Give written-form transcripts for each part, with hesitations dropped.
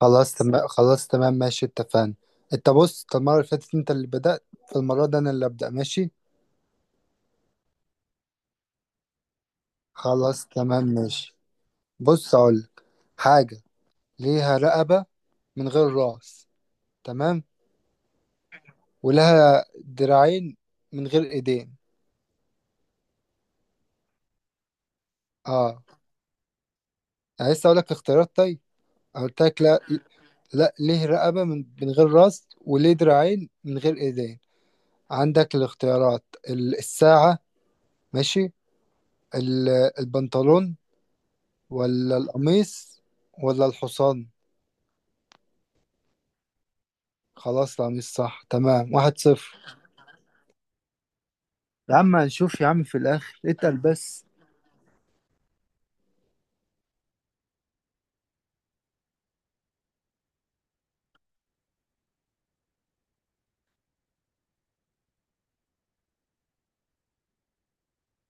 خلاص تمام خلاص تمام ماشي اتفقنا. انت بص، انت المرة اللي فاتت انت اللي بدأت. فالمرة دي انا اللي ابدأ، ماشي؟ خلاص تمام ماشي. بص اقولك: حاجة ليها رقبة من غير راس، تمام؟ ولها دراعين من غير ايدين. اه، انا لسه اقولك اختيارات، طيب؟ أنا قلتلك لا. لا، ليه رقبة من غير راس وليه دراعين من غير ايدين. عندك الاختيارات: الساعة، ماشي، ال- البنطلون، ولا القميص، ولا الحصان. خلاص، القميص، صح، تمام، 1-0. يا عم هنشوف، يا عم في الآخر، اتقل بس.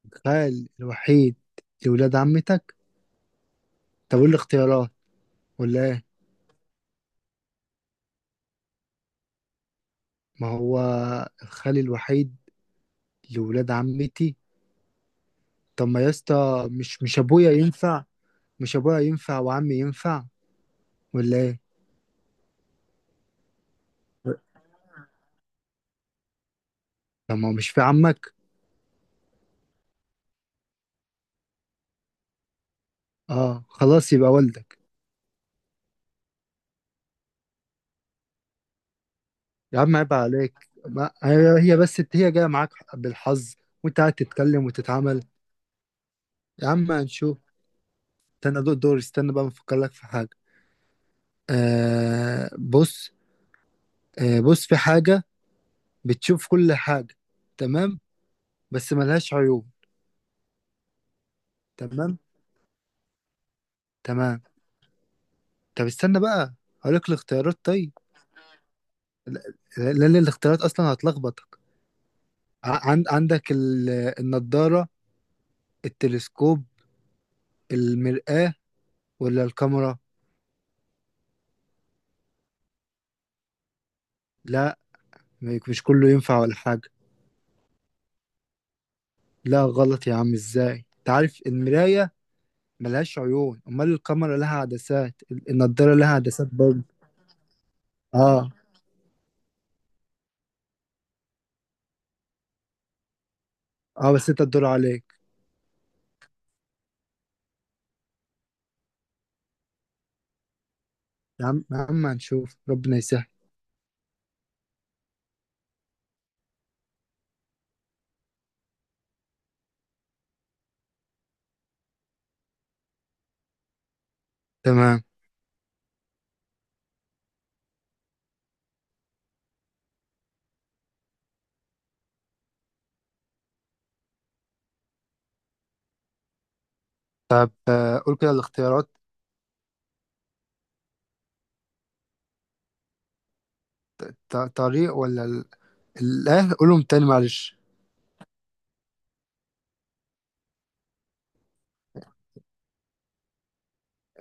الخال الوحيد لولاد عمتك. طب ايه الاختيارات ولا ايه؟ ما هو الخال الوحيد لولاد عمتي. طب ما، يا اسطى، مش ابويا ينفع. مش ابويا ينفع وعمي ينفع، ولا ايه؟ طب ما هو، مش في عمك؟ اه خلاص، يبقى والدك. يا عم عيب عليك، ما هي هي بس هي جايه معاك بالحظ. وانت قاعد تتكلم وتتعامل. يا عم هنشوف. استنى دور دور، استنى بقى بفكر لك في حاجة. بص. بص، في حاجة بتشوف كل حاجة، تمام؟ بس ملهاش عيوب. تمام تمام. طب استنى بقى، هقول لك الاختيارات، طيب؟ لا- لأن الاختيارات أصلا هتلخبطك. عندك النضارة، التلسكوب، المرآة، ولا الكاميرا. لا، مش كله ينفع ولا حاجة. لا غلط، يا عم ازاي تعرف المراية ملهاش عيون؟ امال الكاميرا لها عدسات. النضاره لها عدسات برضه. اه. اه، بس انت تدور عليك. يا عم يا عم هنشوف، ربنا يسهل. تمام. قول كده الاختيارات. طريق ولا قولهم تاني معلش.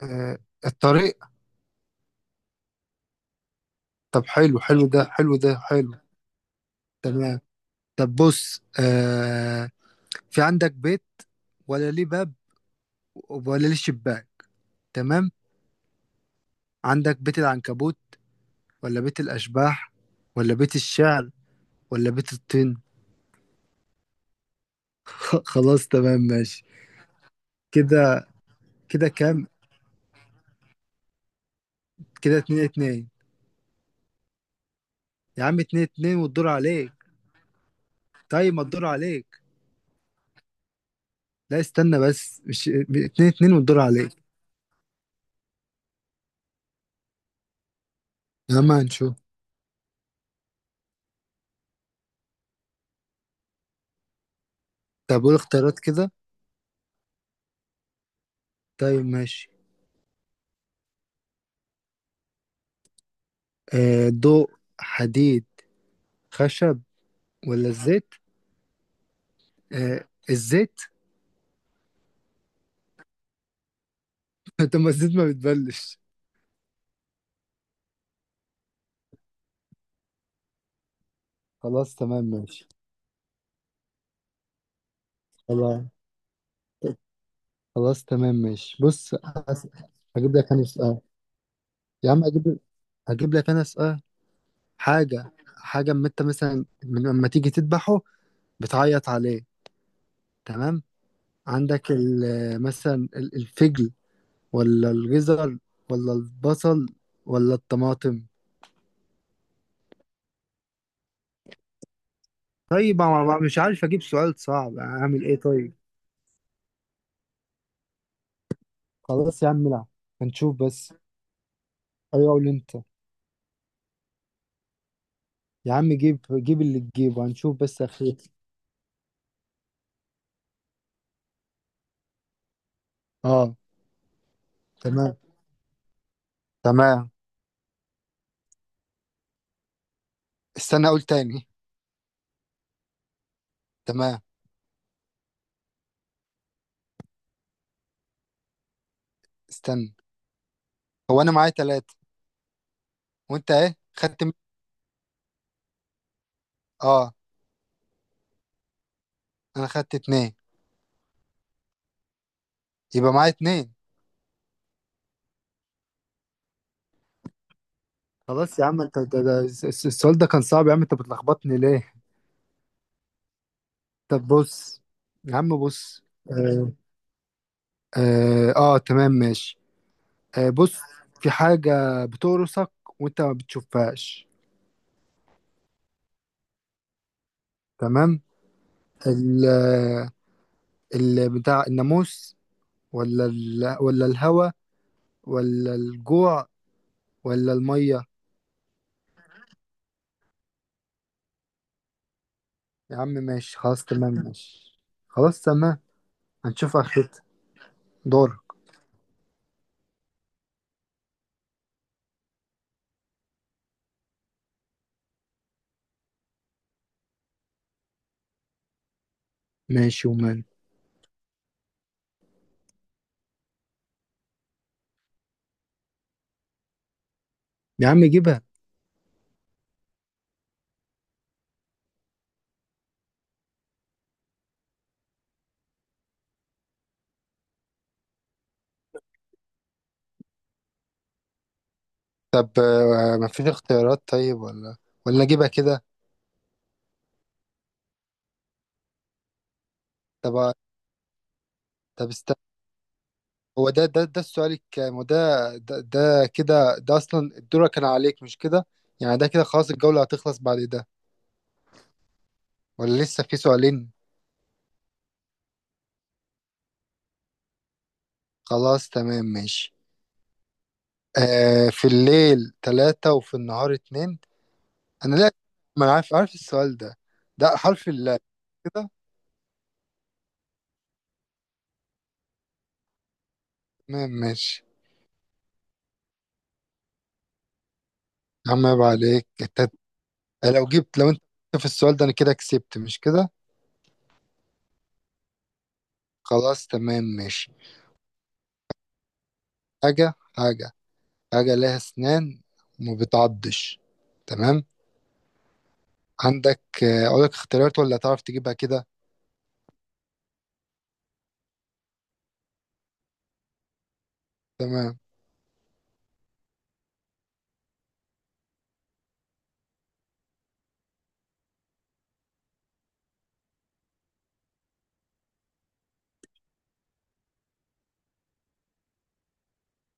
آه الطريق. طب حلو حلو، ده حلو، ده حلو. تمام. طب بص، في عندك بيت، ولا ليه باب، ولا ليه شباك، تمام؟ عندك بيت العنكبوت، ولا بيت الأشباح، ولا بيت الشعر، ولا بيت الطين. خلاص تمام ماشي. كده، كده كام؟ كده 2-2. يا عم 2-2، والدور عليك. طيب ما الدور عليك. لا استنى بس، مش 2-2 والدور عليك؟ يا عم هنشوف. طب قول اختيارات كده. طيب ماشي. ضوء، حديد، خشب، ولا الزيت. آه، الزيت. طب ما الزيت ما بتبلش. خلاص تمام ماشي. خلاص، خلاص تمام ماشي، بص هجيب لك انا سؤال. يا عم اجيب، هجيب لك انا سؤال. حاجة، حاجة أما أنت مثلا من لما تيجي تذبحه بتعيط عليه، تمام؟ عندك مثلا الفجل، ولا الجزر، ولا البصل، ولا الطماطم. طيب أنا بقى مش عارف أجيب سؤال صعب، أعمل إيه طيب؟ خلاص يا عم، لا، هنشوف بس. أيوة قول أنت. يا عم جيب جيب اللي تجيبه، هنشوف بس، أخير. أه. تمام تمام. استنى أقول تاني. تمام. استنى، هو أنا معايا تلاتة وأنت إيه خدت أه، أنا خدت اتنين. يبقى معايا اتنين. خلاص يا عم، انت ده السؤال ده كان صعب، يا عم انت بتلخبطني ليه؟ طب بص، يا عم بص. اه، آه، اه، تمام ماشي. بص، في حاجة بتقرصك وانت ما بتشوفهاش، تمام؟ ال ال بتاع الناموس، ولا الهوا، ولا الجوع، ولا المية. يا عم ماشي، خلاص تمام ماشي. خلاص تمام. هنشوف اخرتها. دورك. ماشي ومان. يا عم جيبها. طب مفيش اختيارات طيب، ولا اجيبها كده؟ طب طب استنى. هو ده السؤال الكام، وده؟ ده كده ده اصلا الدور كان عليك، مش كده؟ يعني ده كده خلاص الجولة هتخلص بعد ده، ولا لسه في سؤالين؟ خلاص تمام ماشي. في الليل ثلاثة، وفي النهار اتنين. انا لا، ما انا عارف عارف السؤال ده، ده حرف اللام. كده. تمام ماشي. يا عم عيب عليك لو انت في السؤال ده، انا كده كسبت، مش كده؟ خلاص تمام ماشي. حاجة، حاجة، حاجة لها أسنان وما بتعضش، تمام؟ عندك، أقول لك اختيارات، ولا تعرف تجيبها كده؟ تمام.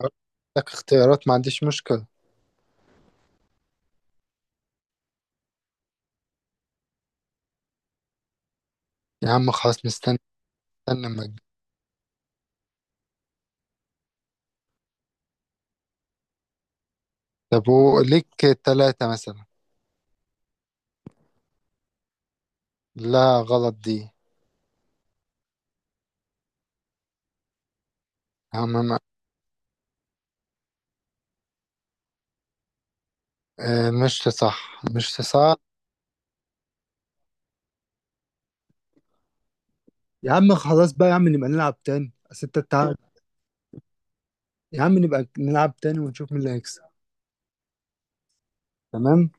أقول لك اختيارات، ما عنديش مشكلة. يا عم خلاص مستني. استنى لما تجي. طب وليك تلاتة مثلا. لا غلط دي. يا عم مش صح، مش صح. يا عم خلاص بقى، يا عم نبقى نلعب تاني، اصل انت تعال. يا عم نبقى نلعب تاني ونشوف مين اللي هيكسب. تمام.